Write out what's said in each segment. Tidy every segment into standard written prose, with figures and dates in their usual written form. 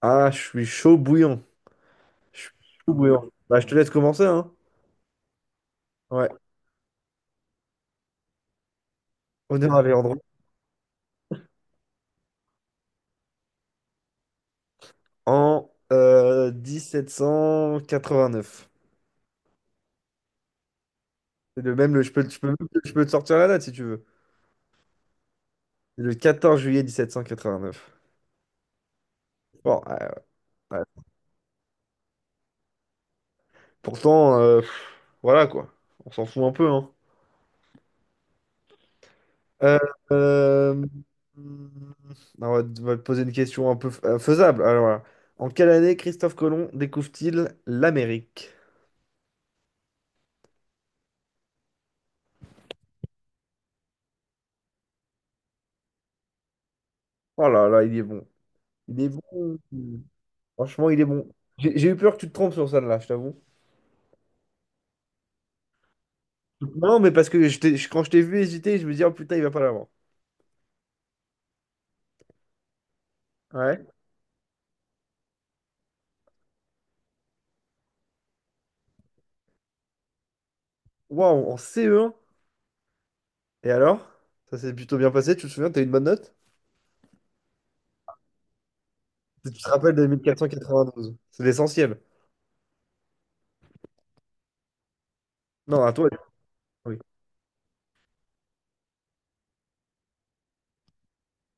Ah, je suis chaud bouillant. Je suis chaud bouillant. Bah, je te laisse commencer, hein. Ouais, honneur à Léandre. En 1789. C'est le même, je peux te sortir la date si tu veux. C'est le 14 juillet 1789. Bon, ouais. Ouais. Pourtant, voilà quoi. On s'en fout un peu, hein. Euh, euh, hmm, on va te poser une question un peu faisable. Alors, voilà. En quelle année Christophe Colomb découvre-t-il l'Amérique? Oh là là, il est bon. Il est bon. Franchement, il est bon. J'ai eu peur que tu te trompes sur ça, là, je t'avoue. Non, mais parce que quand je t'ai vu hésiter, je me dis, oh putain, il va pas l'avoir. Ouais. Waouh, en CE1. Et alors? Ça s'est plutôt bien passé, tu te souviens, t'as eu une bonne note? Tu te rappelles de 1492. C'est l'essentiel. Non, à toi. Oui.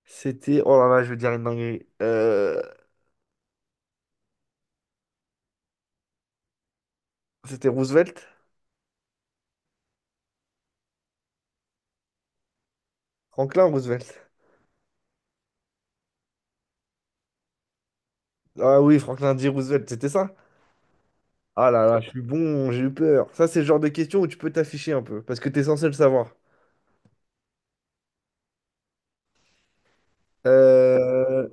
C'était. Oh là là, je vais dire une dinguerie. C'était Roosevelt? Franklin Roosevelt. Ah oui, Franklin D. Roosevelt, c'était ça? Ah là là, je suis bon, j'ai eu peur. Ça, c'est le genre de question où tu peux t'afficher un peu, parce que t'es censé le savoir. Euh,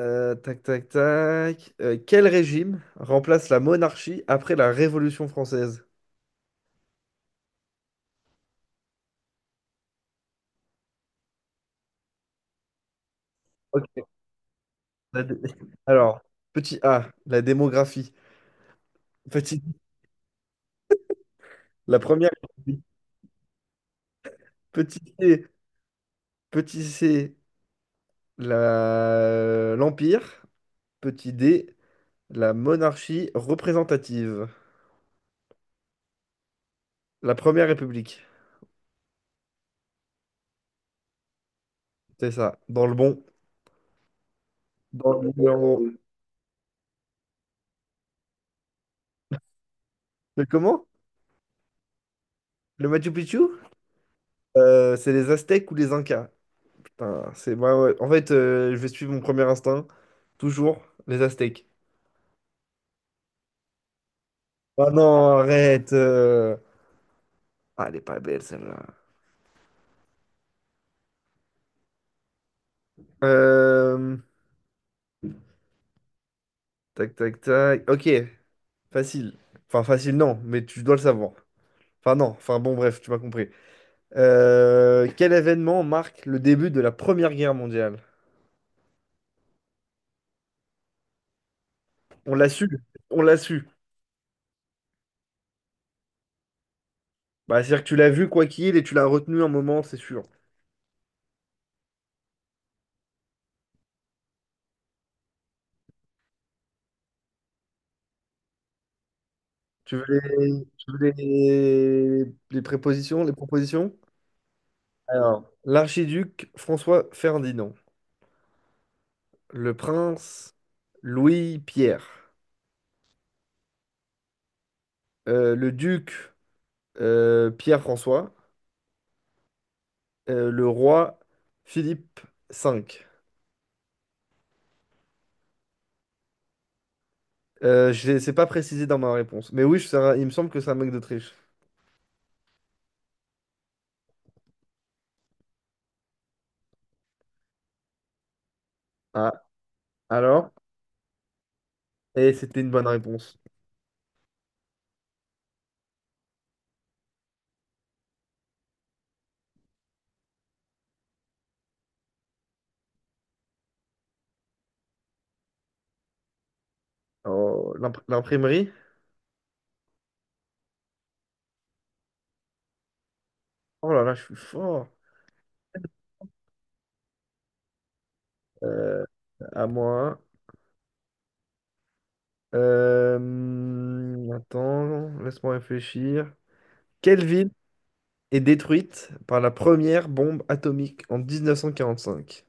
Tac, tac, tac. Quel régime remplace la monarchie après la Révolution française? Ok. La dé- Alors, petit A, la démographie. Petit, la première. République. Petit C, petit C, l'Empire. Petit D, la monarchie représentative. La première République. C'est ça. Dans le bon. Dans le bon. Mais comment? Le Machu Picchu? C'est les Aztèques ou les Incas? Putain, c'est bah ouais. En fait, je vais suivre mon premier instinct. Toujours les Aztèques. Ah non, arrête. Ah, elle est pas belle celle-là. Euh, Tac, tac, tac. Ok, facile. Enfin, facile, non, mais tu dois le savoir. Enfin, non. Enfin, bon, bref, tu m'as compris. Quel événement marque le début de la Première Guerre mondiale? On l'a su. On l'a su. Bah, c'est-à-dire que tu l'as vu quoi qu'il et tu l'as retenu un moment, c'est sûr. Tu veux les propositions? Alors, l'archiduc François Ferdinand, le prince Louis-Pierre, le duc Pierre-François, le roi Philippe V. Je ne pas précisé dans ma réponse, mais oui, il me semble que c'est un mec d'Autriche. Ah, alors? Et c'était une bonne réponse. Oh, l'imprimerie? Oh là là, je suis fort. Euh, à moi. Attends, laisse-moi réfléchir. Kelvin est détruite par la première bombe atomique en 1945.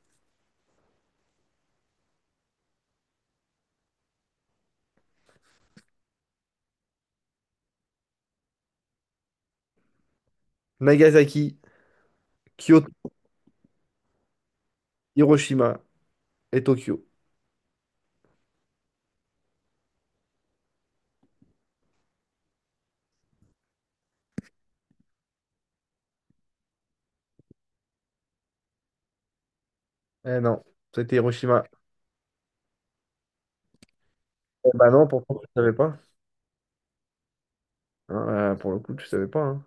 Nagasaki, Kyoto, Hiroshima et Tokyo. Eh non, c'était Hiroshima. Eh bah non, pourtant tu savais pas. Hein, pour le coup, tu savais pas. Hein.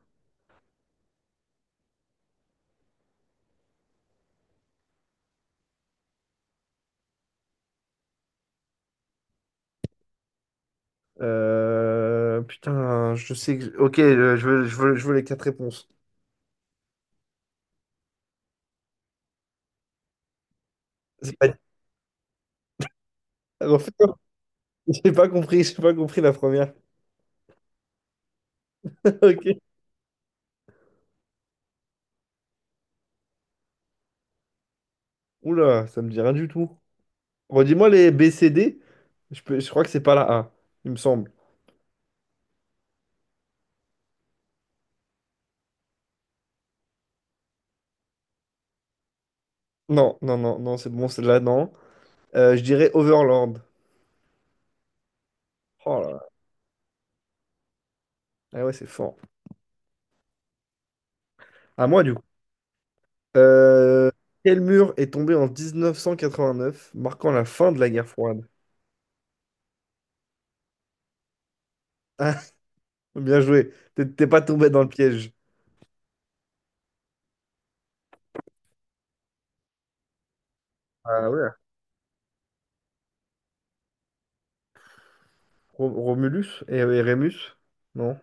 Putain, je sais que... Ok, je veux les quatre réponses. C'est pas... Refais-le. J'ai pas compris, la première. Ok. Oula, ça me dit rien du tout. Redis-moi les B, C, D. Je crois que c'est pas la A, il me semble. Non, non, non, non, c'est bon, c'est là, non. Je dirais Overland. Oh là là. Ah ouais, c'est fort. À moi, du coup. Euh, Quel mur est tombé en 1989, marquant la fin de la guerre froide? Ah, bien joué. T'es pas tombé dans le piège. Ah ouais. Romulus et Rémus? Non.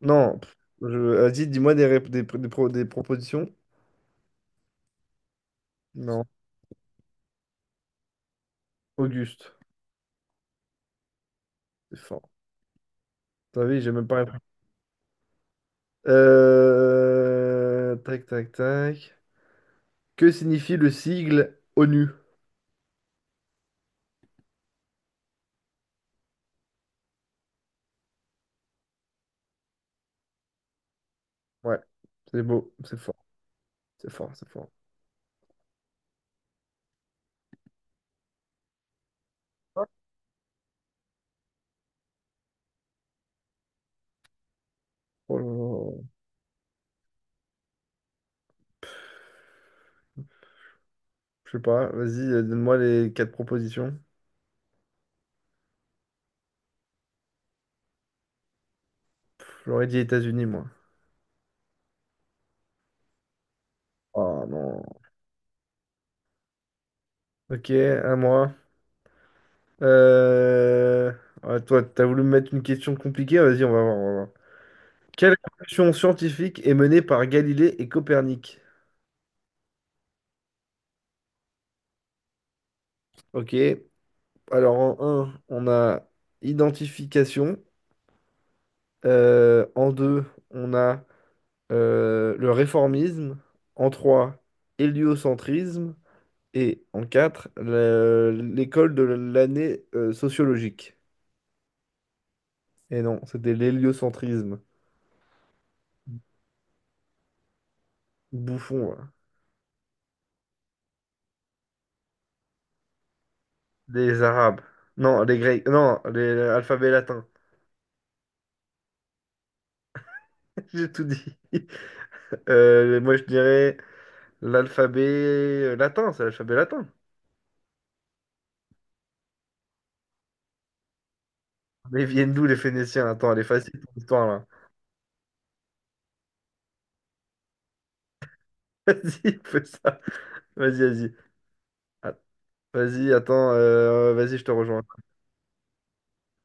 Non. Vas-y, dis-moi des, rép- des pro- des propositions. Non. Auguste. C'est fort. T'as vu, j'ai même pas répondu. Tac, tac, tac. Que signifie le sigle ONU? Ouais, c'est beau, c'est fort. C'est fort, c'est fort. Oh là là. Je sais pas, vas-y, donne-moi les quatre propositions. J'aurais dit États-Unis, moi. Oh non. Ok, à moi. Euh... ouais, toi, t'as voulu me mettre une question compliquée? Vas-y, on va voir, on va voir. Quelle révolution scientifique est menée par Galilée et Copernic? Ok, alors en un, on a identification. En 2, on a le réformisme. En 3, héliocentrisme. Et en 4, l'école de l'année sociologique. Et non, c'était l'héliocentrisme. Bouffon, voilà. Les Arabes. Non, les Grecs. Non, l'alphabet latin. J'ai tout dit. Moi, je dirais l'alphabet latin. C'est l'alphabet latin. Mais ils viennent d'où les Phéniciens? Attends, elle est facile, ton histoire, là. Vas-y, fais ça. Vas-y, vas-y. Ah, vas-y, attends. Vas-y, je te rejoins.